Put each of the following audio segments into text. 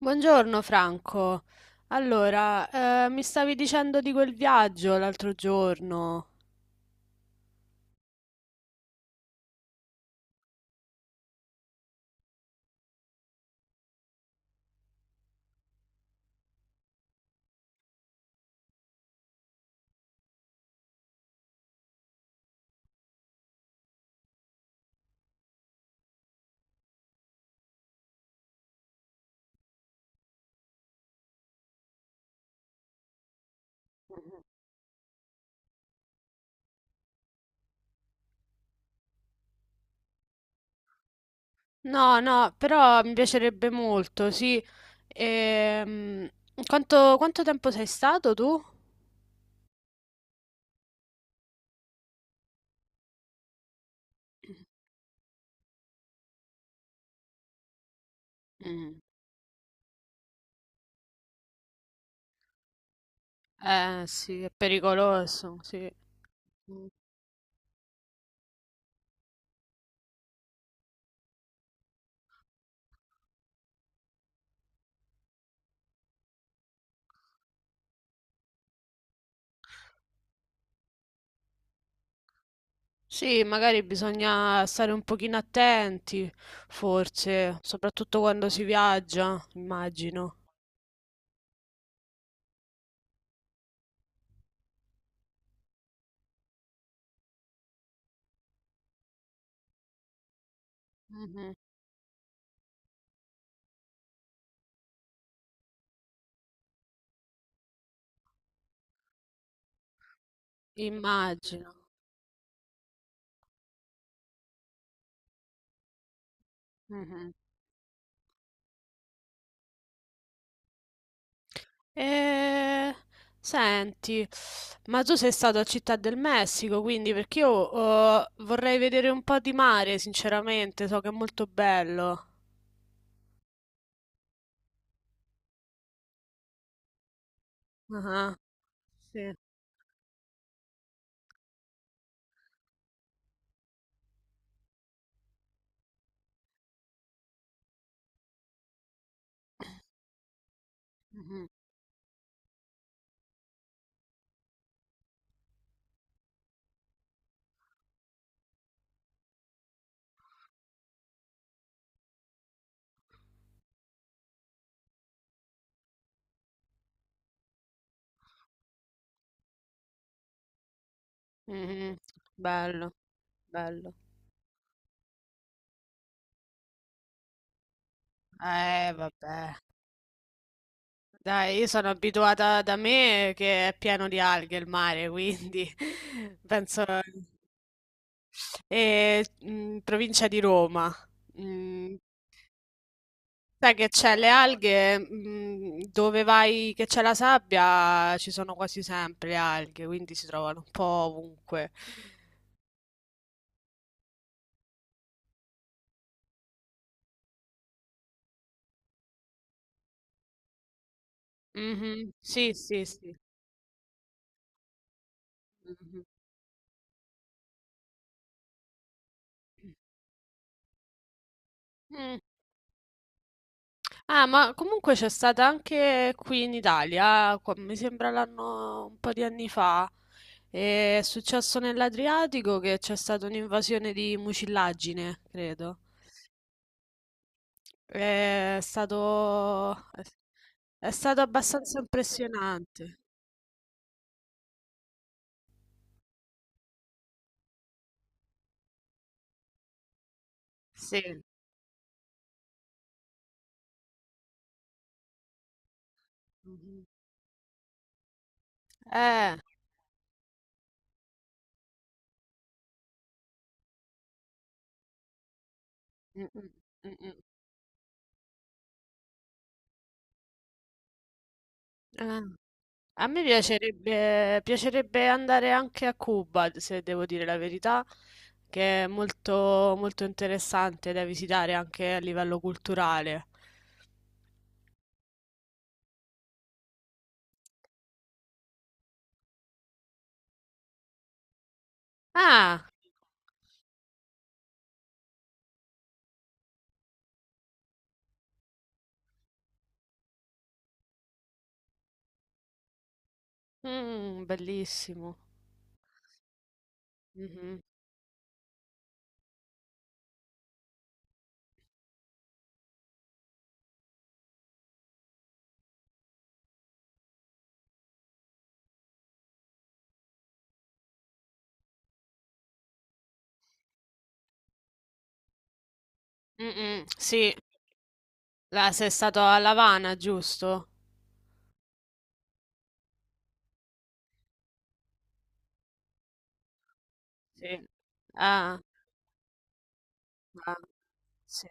Buongiorno Franco. Allora, mi stavi dicendo di quel viaggio l'altro giorno. No, no, però mi piacerebbe molto, sì. Ehm, quanto tempo sei stato tu? Mm. Eh sì, è pericoloso, sì. Mm. Sì, magari bisogna stare un pochino attenti, forse, soprattutto quando si viaggia, immagino. Mhm. Immagino. Mm-hmm. Eh, Senti, ma tu sei stato a Città del Messico, quindi perché io vorrei vedere un po' di mare, sinceramente, so che è molto bello. Ah, sì. Mhm, mhm. Bello, bello. Vabbè. Dai, io sono abituata da me che è pieno di alghe il mare, quindi penso. E, provincia di Roma. Mm. Sai che c'è le alghe, dove vai che c'è la sabbia, ci sono quasi sempre le alghe, quindi si trovano un po' ovunque. Mhm. Sì, sì, sì. Mhm. Mm. Ah, ma comunque c'è stata anche qui in Italia, mi sembra l'anno un po' di anni fa, e è successo nell'Adriatico che c'è stata un'invasione di mucillaggine, credo. È stato, è stato abbastanza impressionante. Sì. Mh-mh. Eh. Mh-mh. Mh-mh. Ah. A me piacerebbe andare anche a Cuba, se devo dire la verità, che è molto, molto interessante da visitare anche a livello culturale. Ah. Bellissimo. Mh-mh. Mh-mh. Sì. Là sei stato a L'Avana, giusto? Sì. Ah. Ah. Sì.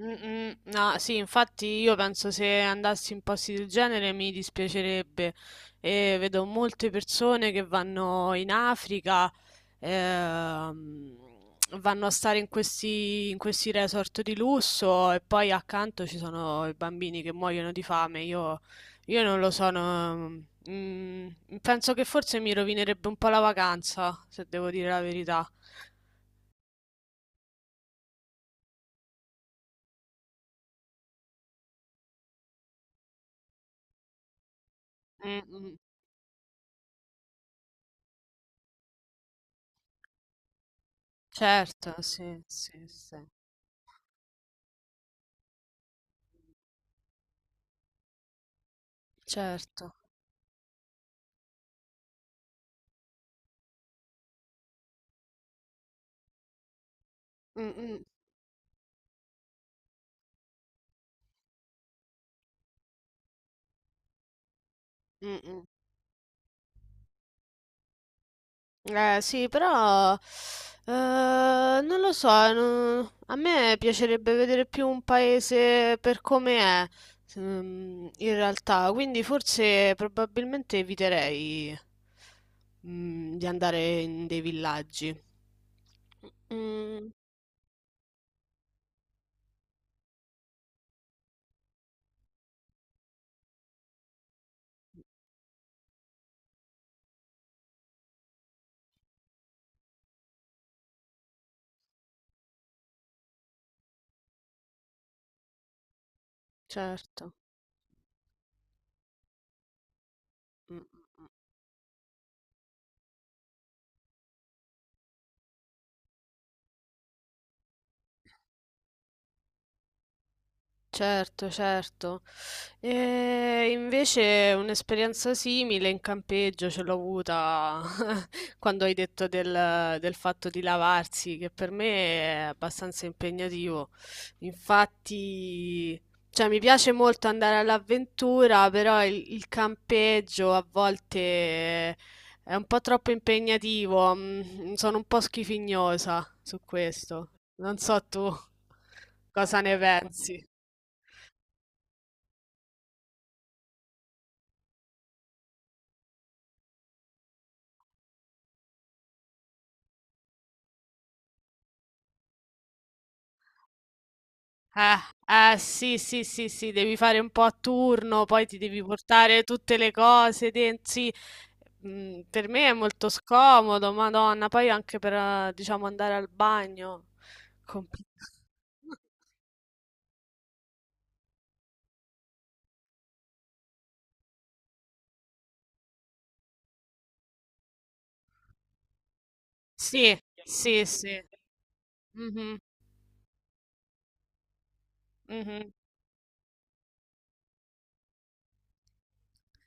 Mm, mm, no, sì, infatti io penso se andassi in posti del genere mi dispiacerebbe. E vedo molte persone che vanno in Africa, ehm, vanno a stare in questi resort di lusso e poi accanto ci sono i bambini che muoiono di fame. Io non lo so, no, mm, penso che forse mi rovinerebbe un po' la vacanza, se devo dire la verità. Mm, mm. Certo, sì, sì, sì. Certo. Mm, mm, mm, mm. Sì, però non lo so, a me piacerebbe vedere più un paese per come è, in realtà, quindi forse probabilmente eviterei di andare in dei villaggi. Mm, certo. Mm. Certo, certo. E invece un'esperienza simile in campeggio ce l'ho avuta quando hai detto del fatto di lavarsi, che per me è abbastanza impegnativo. Infatti, cioè, mi piace molto andare all'avventura, però il campeggio a volte è un po' troppo impegnativo. Sono un po' schifignosa su questo. Non so tu cosa ne pensi. Eh, sì, sì, sì, sì, devi fare un po' a turno, poi ti devi portare tutte le cose dentro. Sì. Per me è molto scomodo, Madonna, poi anche per, diciamo, andare al bagno. Compl- Sì, sì, sì. Mhm, mhm.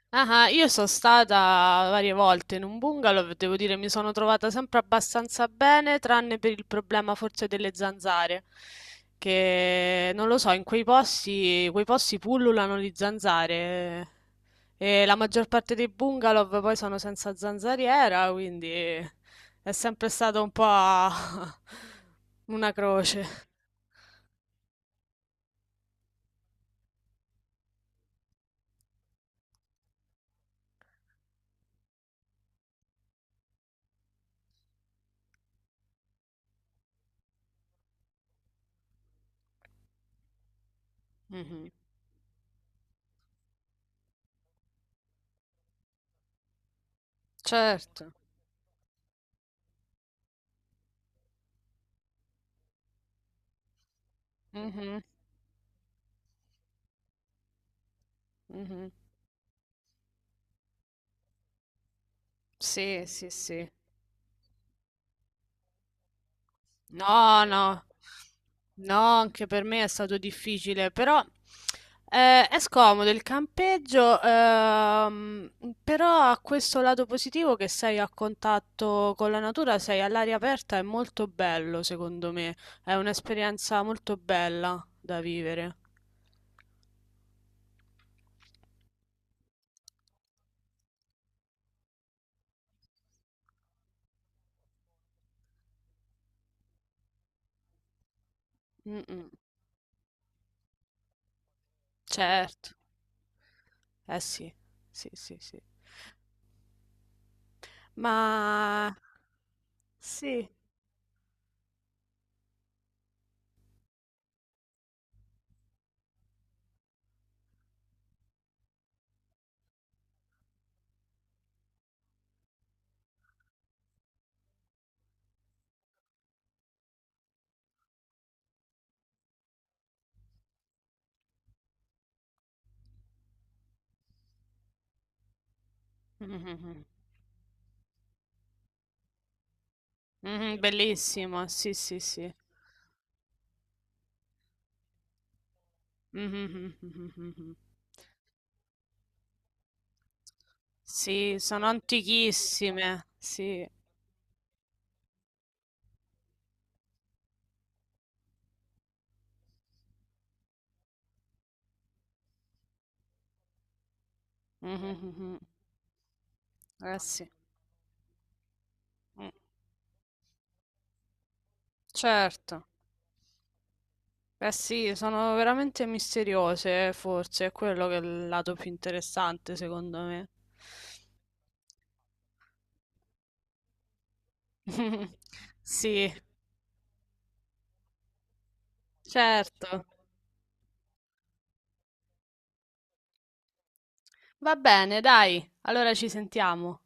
Ah, ah, io sono stata varie volte in un bungalow, devo dire mi sono trovata sempre abbastanza bene, tranne per il problema forse delle zanzare, che non lo so, in quei posti pullulano le zanzare e la maggior parte dei bungalow poi sono senza zanzariera, quindi è sempre stato un po' una croce. Mhm. Certo. Mhm. Mhm. Sì, sì, sì. No, no, no, anche per me è stato difficile, però è scomodo il campeggio, però ha questo lato positivo che sei a contatto con la natura, sei all'aria aperta, è molto bello, secondo me, è un'esperienza molto bella da vivere. Mm, mm. Certo, eh sì, sì, sì, sì. Ma sì. Mh-mh, bellissimo, sì, sì, sì. Mh-mh, mh. Sì, sono antichissime, sì. Mh-mh, mh. Eh sì. Mh. Certo. Eh sì, sono veramente misteriose, forse, è quello che è il lato più interessante, secondo me. Sì, certo. Va bene, dai, allora ci sentiamo.